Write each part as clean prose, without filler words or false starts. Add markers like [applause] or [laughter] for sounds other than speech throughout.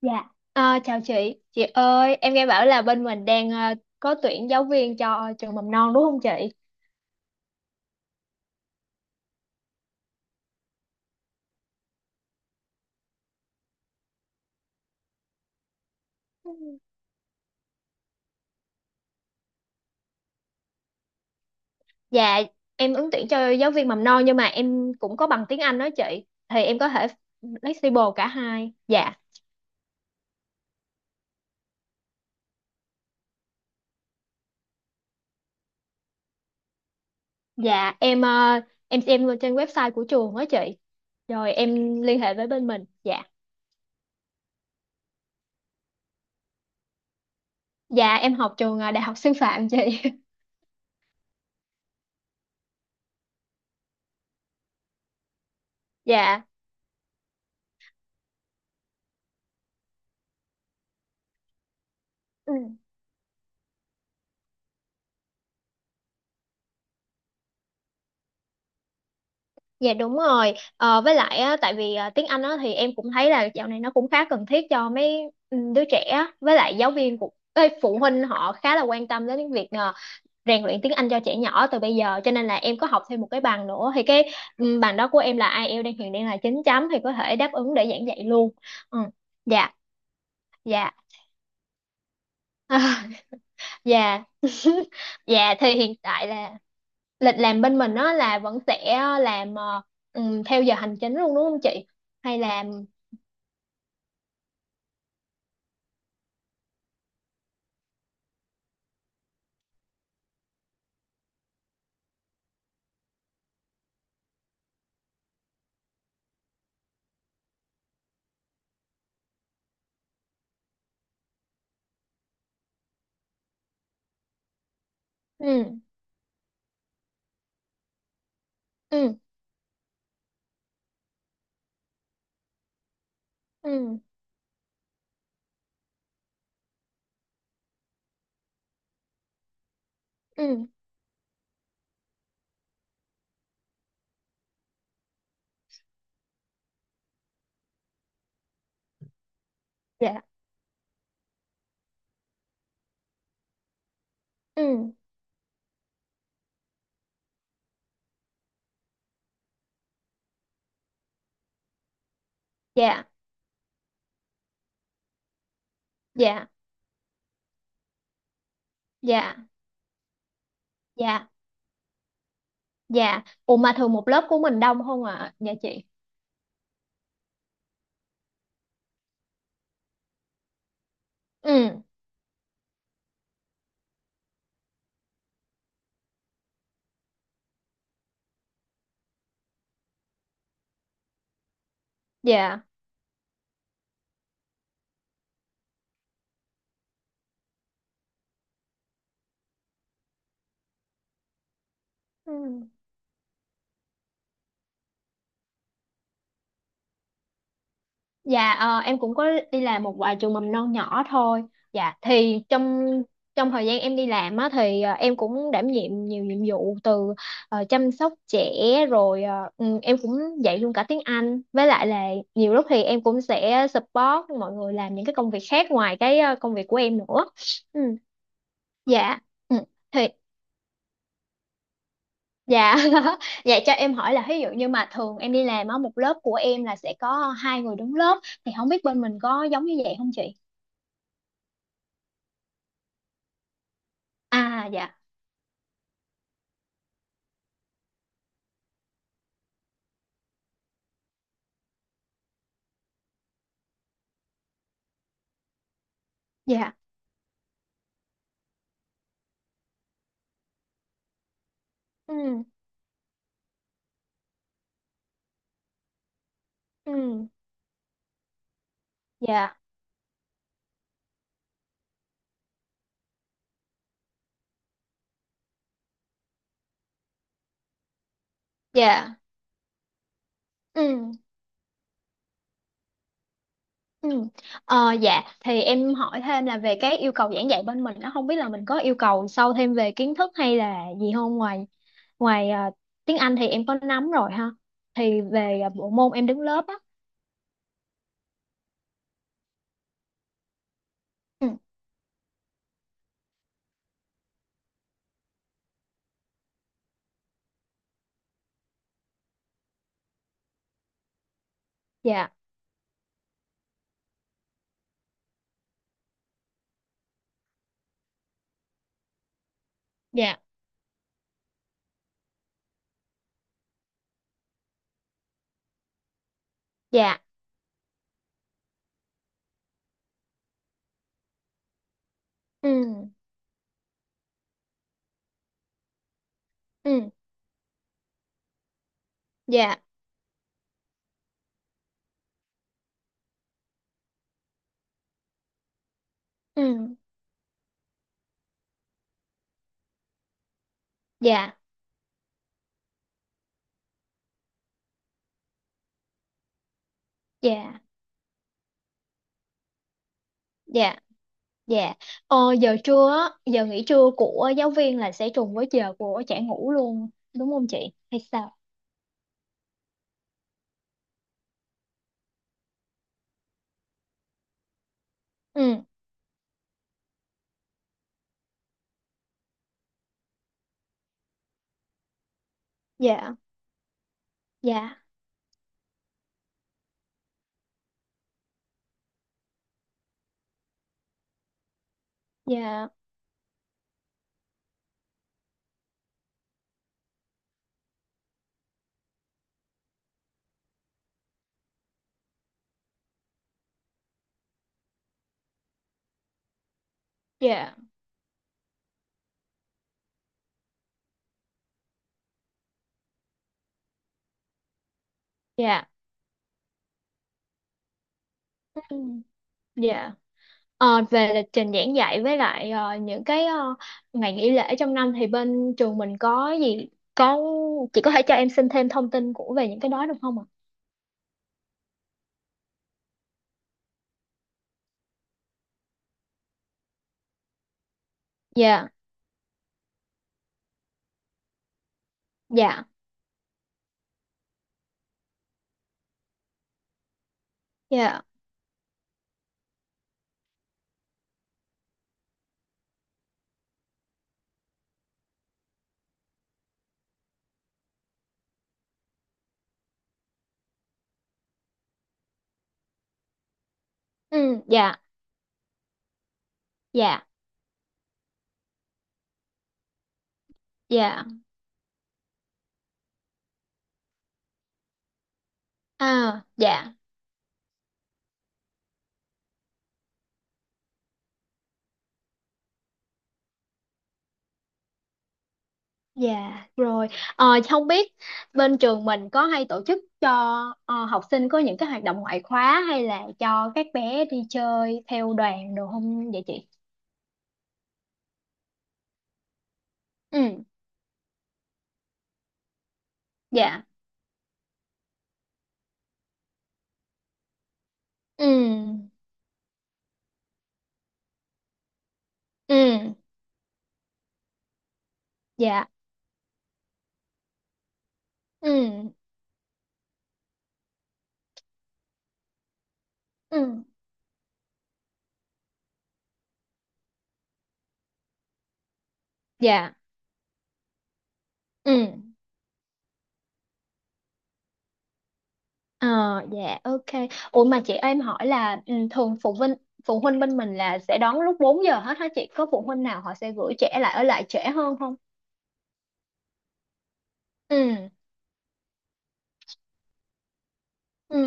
Dạ. Chào chị. Chị ơi, em nghe bảo là bên mình đang có tuyển giáo viên cho trường mầm non, đúng không chị? Ừ. Dạ, em ứng tuyển cho giáo viên mầm non, nhưng mà em cũng có bằng tiếng Anh đó chị. Thì em có thể flexible cả hai. Dạ, dạ em xem trên website của trường đó chị. Rồi em liên hệ với bên mình. Dạ, dạ em học trường Đại học Sư phạm chị. [laughs] Dạ. Ừ. Dạ đúng rồi. Ờ, với lại á, tại vì tiếng Anh á, thì em cũng thấy là dạo này nó cũng khá cần thiết cho mấy đứa trẻ á. Với lại giáo viên cũng, phụ huynh họ khá là quan tâm đến việc rèn luyện tiếng Anh cho trẻ nhỏ từ bây giờ, cho nên là em có học thêm một cái bằng nữa. Thì cái bằng đó của em là IELTS, hiện đang là 9 chấm, thì có thể đáp ứng để giảng dạy luôn. Ừ. Dạ, dạ. [laughs] Dạ. [laughs] Dạ thì hiện tại là lịch làm bên mình á là vẫn sẽ làm theo giờ hành chính luôn, đúng không chị? Hay là. Ừ. Ừ. Ừ. Ừ. Dạ. Ừ. Dạ. Dạ. Dạ. Dạ. Dạ. Ủa mà thường một lớp của mình đông không ạ, à? Nhà chị. Ừ. Dạ. Ừ. Dạ em cũng có đi làm một vài trường mầm non nhỏ thôi. Dạ thì trong trong thời gian em đi làm á thì em cũng đảm nhiệm nhiều nhiệm vụ, từ chăm sóc trẻ, rồi em cũng dạy luôn cả tiếng Anh. Với lại là nhiều lúc thì em cũng sẽ support mọi người làm những cái công việc khác ngoài cái công việc của em nữa. Ừ, dạ. Ừ, thì dạ. [laughs] Dạ cho em hỏi là ví dụ như mà thường em đi làm á, một lớp của em là sẽ có hai người đứng lớp, thì không biết bên mình có giống như vậy không chị? À dạ. Dạ. Ừ. Ừ. Dạ. Dạ. Ừ. Ừ. Dạ, thì em hỏi thêm là về cái yêu cầu giảng dạy bên mình, nó không biết là mình có yêu cầu sâu thêm về kiến thức hay là gì không, ngoài ngoài ờ, tiếng Anh thì em có nắm rồi ha. Thì về bộ môn em đứng lớp á. Ừ. Dạ. Dạ. Dạ. Ừ. Ừ. Dạ. Ừ. Dạ. Dạ. Dạ. Dạ. Giờ trưa á, giờ nghỉ trưa của giáo viên là sẽ trùng với giờ của trẻ ngủ luôn, đúng không chị? Hay sao? Ừ. Dạ. Dạ. Dạ. Dạ. Dạ. Ừ. Dạ. Về lịch trình giảng dạy với lại những cái ngày nghỉ lễ trong năm thì bên trường mình có gì, có chị có thể cho em xin thêm thông tin của về những cái đó được không ạ? Dạ. Dạ. Dạ. Ừ. Dạ. Dạ. Dạ. À, dạ. Dạ rồi. Không biết bên trường mình có hay tổ chức cho học sinh có những cái hoạt động ngoại khóa, hay là cho các bé đi chơi theo đoàn đồ không vậy chị? Ừ. Dạ. Ừ. Ừ. Dạ. Ừ. Ừ. Dạ. Ừ. Ờ. Dạ, ok. Ủa mà chị, em hỏi là thường phụ huynh bên mình là sẽ đón lúc 4 giờ hết hả chị? Có phụ huynh nào họ sẽ gửi trẻ lại, ở lại trễ hơn không? Ừ. Ừ.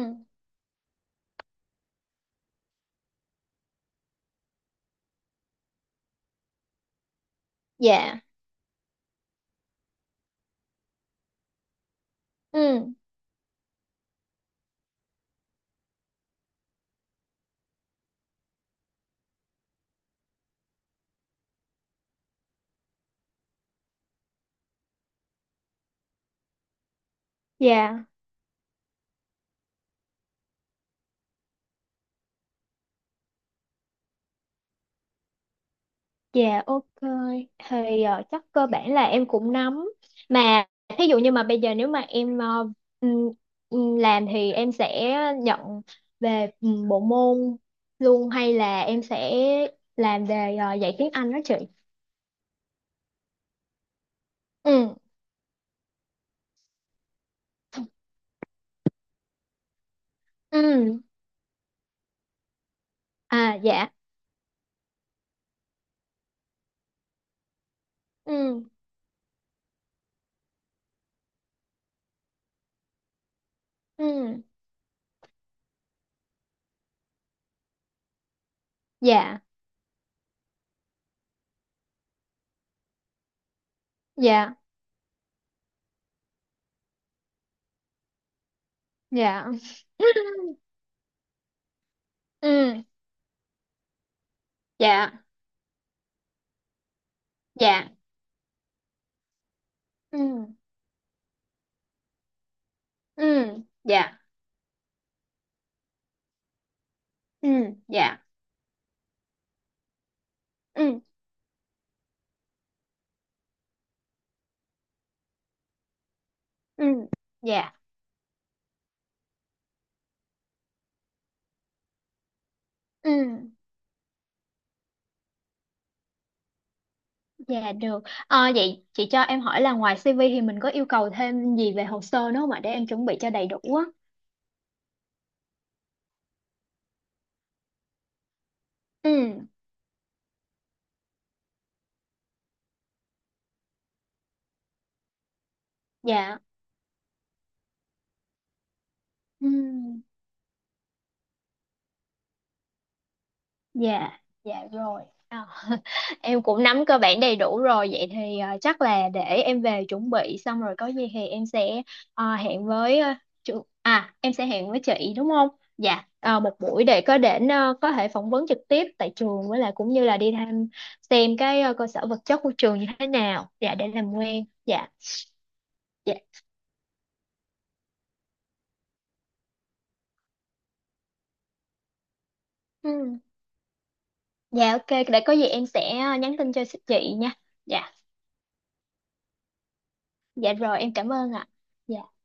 Dạ. Ừ. Dạ. Dạ, ok, thì chắc cơ bản là em cũng nắm. Mà thí dụ như mà bây giờ, nếu mà em ừm, làm thì em sẽ nhận về bộ môn luôn, hay là em sẽ làm về dạy tiếng Anh đó chị? Ừ. Ừ. À dạ. Ừ. Ừ. Dạ. Dạ. Dạ. Ừ. Dạ. Dạ. Ừ. Ừ. Dạ. Ừ. Dạ. Ừ. Ừ. Dạ. Ừ. Dạ được. Ờ, Vậy chị cho em hỏi là ngoài CV thì mình có yêu cầu thêm gì về hồ sơ nữa không ạ, để em chuẩn bị cho đầy đủ á. Ừ, dạ. Ừ. Dạ, dạ rồi. À, [laughs] em cũng nắm cơ bản đầy đủ rồi. Vậy thì chắc là để em về chuẩn bị, xong rồi có gì thì em sẽ hẹn với à, chú à em sẽ hẹn với chị, đúng không? Dạ, một buổi để có thể phỏng vấn trực tiếp tại trường, với lại cũng như là đi thăm xem cái cơ sở vật chất của trường như thế nào. Dạ, để làm quen. Dạ, dạ. Ừ. Dạ ok, để có gì em sẽ nhắn tin cho chị nha. Dạ, dạ rồi em cảm ơn ạ. Dạ.